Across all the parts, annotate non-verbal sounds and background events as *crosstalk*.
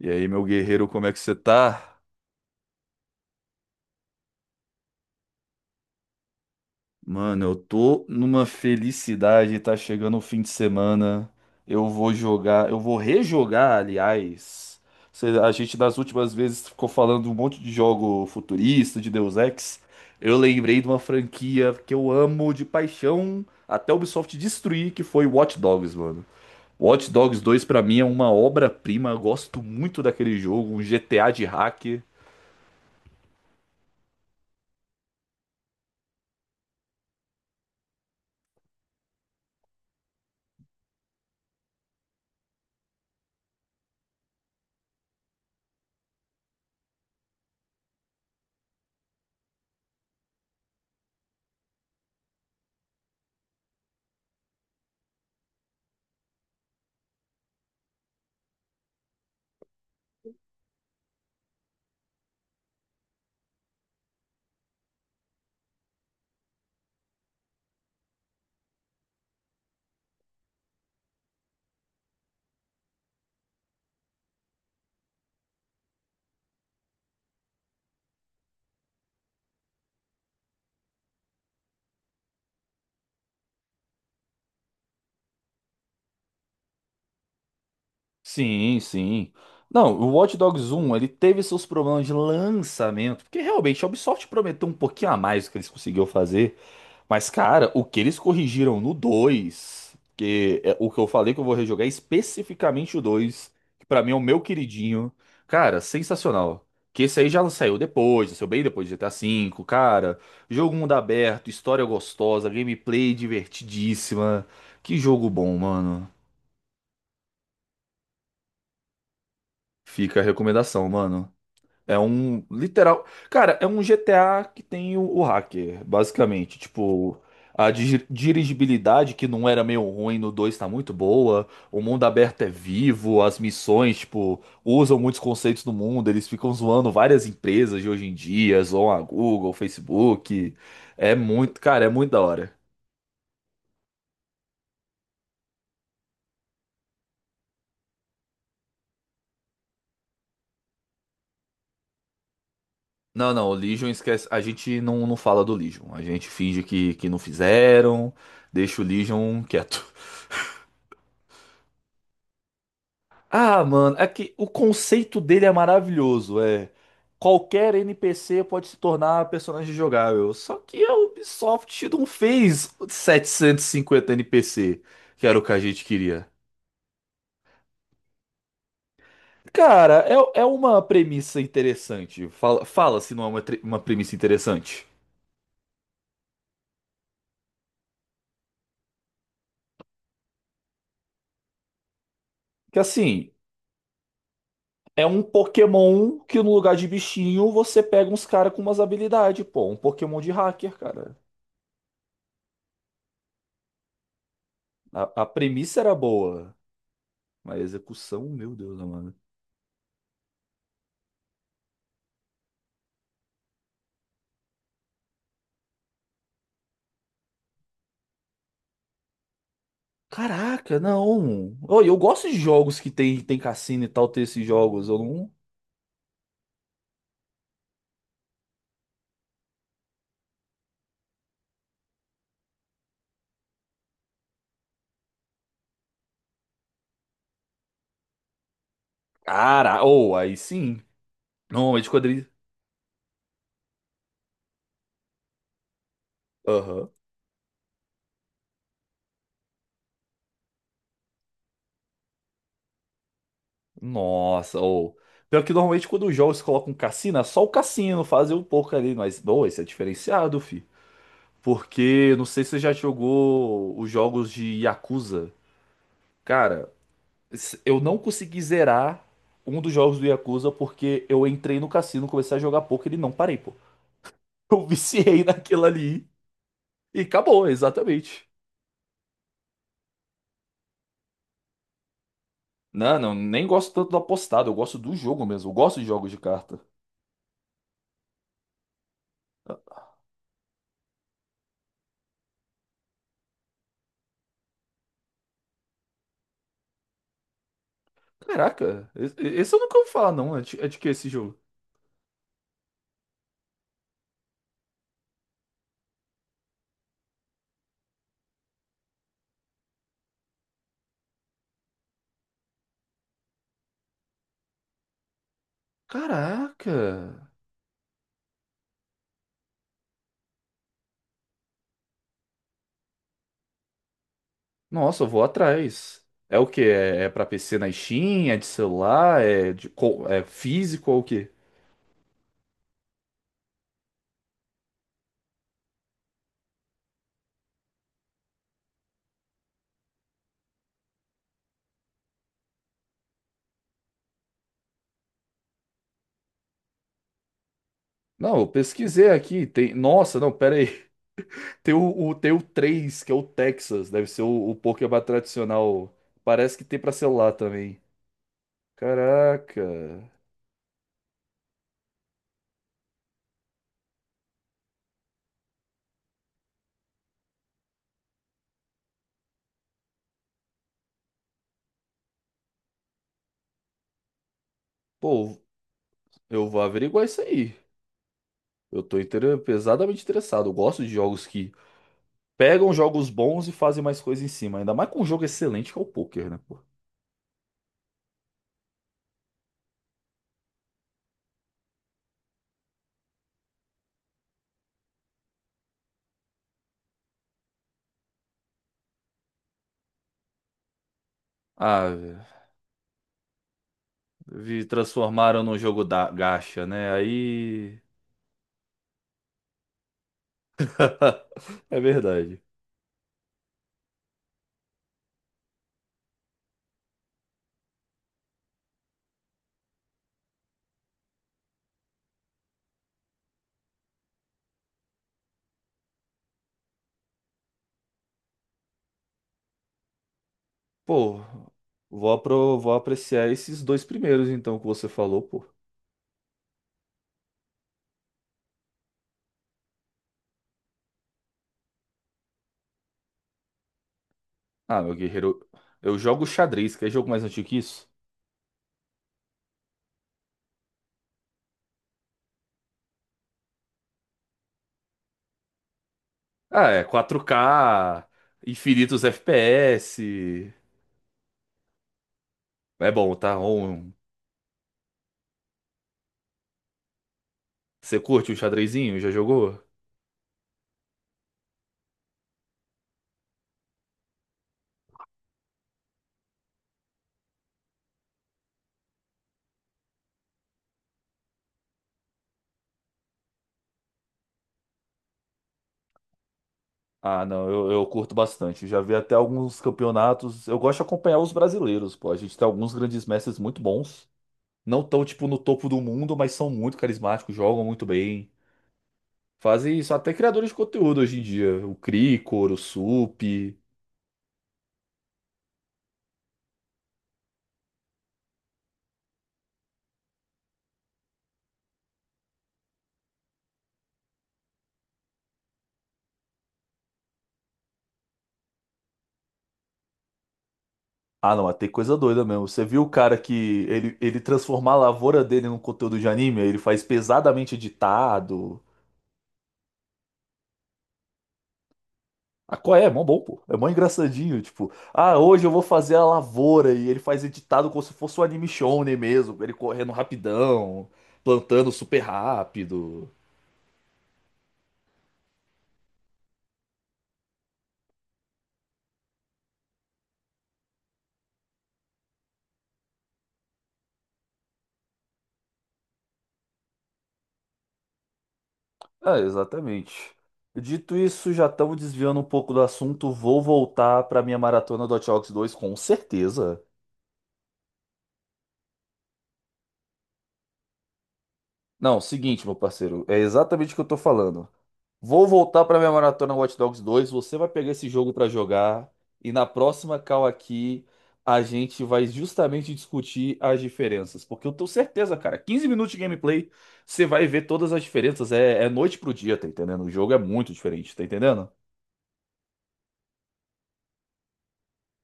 E aí, meu guerreiro, como é que você tá? Mano, eu tô numa felicidade, tá chegando o fim de semana. Eu vou jogar, eu vou rejogar, aliás. A gente das últimas vezes ficou falando um monte de jogo futurista, de Deus Ex. Eu lembrei de uma franquia que eu amo de paixão, até a Ubisoft destruir, que foi Watch Dogs, mano. Watch Dogs dois pra mim é uma obra-prima, eu gosto muito daquele jogo, um GTA de hack. Sim, sim. Não, o Watch Dogs um ele teve seus problemas de lançamento, porque realmente a Ubisoft prometeu um pouquinho a mais do que eles conseguiram fazer, mas cara, o que eles corrigiram no dois, que é o que eu falei que eu vou rejogar, é especificamente o dois, que pra mim é o meu queridinho. Cara, sensacional. Que esse aí já saiu depois, já saiu bem depois de GTA V, cara. Jogo mundo aberto, história gostosa, gameplay divertidíssima. Que jogo bom, mano. Fica a recomendação, mano. É um literal. Cara, é um GTA que tem o hacker, basicamente. Tipo, a dirigibilidade, que não era meio ruim no dois, tá muito boa. O mundo aberto é vivo, as missões, tipo, usam muitos conceitos do mundo. Eles ficam zoando várias empresas de hoje em dia, zoam a Google, Facebook. É muito, cara, é muito da hora. Não, não, o Legion esquece. A gente não fala do Legion. A gente finge que não fizeram, deixa o Legion quieto. Ah, mano, é que o conceito dele é maravilhoso. É, qualquer NPC pode se tornar personagem jogável. Só que a Ubisoft não fez 750 NPC, que era o que a gente queria. Cara, é uma premissa interessante. Fala se não é uma, uma premissa interessante. Que assim, é um Pokémon que no lugar de bichinho você pega uns caras com umas habilidades, pô. Um Pokémon de hacker, cara. A premissa era boa, mas a execução, meu Deus, mano. Caraca, não. Oh, eu gosto de jogos que tem cassino e tal, ter esses jogos. Eu não. Cara, ou aí sim. Normalmente quando ele. Aham. Nossa, ou. Pior que normalmente quando os jogos colocam cassino, é só o cassino fazer um pouco ali. Mas, bom, esse é diferenciado, fi. Porque, não sei se você já jogou os jogos de Yakuza. Cara, eu não consegui zerar um dos jogos do Yakuza porque eu entrei no cassino, comecei a jogar poker e não parei, pô. *laughs* Eu viciei naquilo ali. E acabou, exatamente. Não, não, nem gosto tanto do apostado, eu gosto do jogo mesmo, eu gosto de jogos de carta. Caraca, esse eu nunca ouvi falar, não. É de que esse jogo? Caraca! Nossa, eu vou atrás. É o quê? É, é pra PC na Steam? É de celular? É, de, é físico ou o quê? Não, eu pesquisei aqui. Tem, nossa, não, pera aí. *laughs* Tem tem o três, que é o Texas. Deve ser o Pokémon tradicional. Parece que tem pra celular também. Caraca. Pô, eu vou averiguar isso aí. Eu tô pesadamente interessado. Eu gosto de jogos que pegam jogos bons e fazem mais coisa em cima. Ainda mais com um jogo excelente que é o poker, né, pô? Ah, velho, vi transformaram num jogo da gacha, né? Aí. *laughs* É verdade. Pô, vou apreciar esses dois primeiros, então, que você falou, pô. Ah, meu guerreiro, eu jogo xadrez, que é jogo mais antigo que isso? Ah, é 4K infinitos FPS. É bom, tá? Um, você curte o xadrezinho? Já jogou? Ah, não, eu curto bastante. Já vi até alguns campeonatos. Eu gosto de acompanhar os brasileiros, pô. A gente tem alguns grandes mestres muito bons. Não tão, tipo, no topo do mundo, mas são muito carismáticos, jogam muito bem. Fazem isso até criadores de conteúdo hoje em dia. O Cricor, o Sup. Ah, não, mas tem coisa doida mesmo. Você viu o cara que ele transformar a lavoura dele num conteúdo de anime? Ele faz pesadamente editado. Ah, qual é? É mó bom, pô. É mó engraçadinho, tipo, ah, hoje eu vou fazer a lavoura e ele faz editado como se fosse um anime shonen mesmo, ele correndo rapidão, plantando super rápido. Ah, exatamente. Dito isso, já estamos desviando um pouco do assunto, vou voltar para minha maratona do Hot Dogs 2 com certeza. Não, seguinte, meu parceiro, é exatamente o que eu tô falando. Vou voltar para minha maratona Watch Dogs dois. Você vai pegar esse jogo para jogar. E na próxima call aqui, a gente vai justamente discutir as diferenças. Porque eu tenho certeza, cara, 15 minutos de gameplay, você vai ver todas as diferenças. É, é noite pro dia, tá entendendo? O jogo é muito diferente, tá entendendo?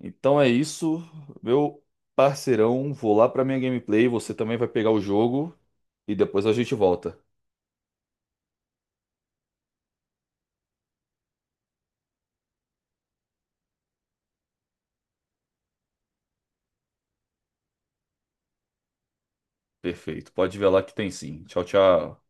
Então é isso, meu parceirão. Vou lá pra minha gameplay. Você também vai pegar o jogo. E depois a gente volta. Perfeito. Pode ver lá que tem sim. Tchau, tchau.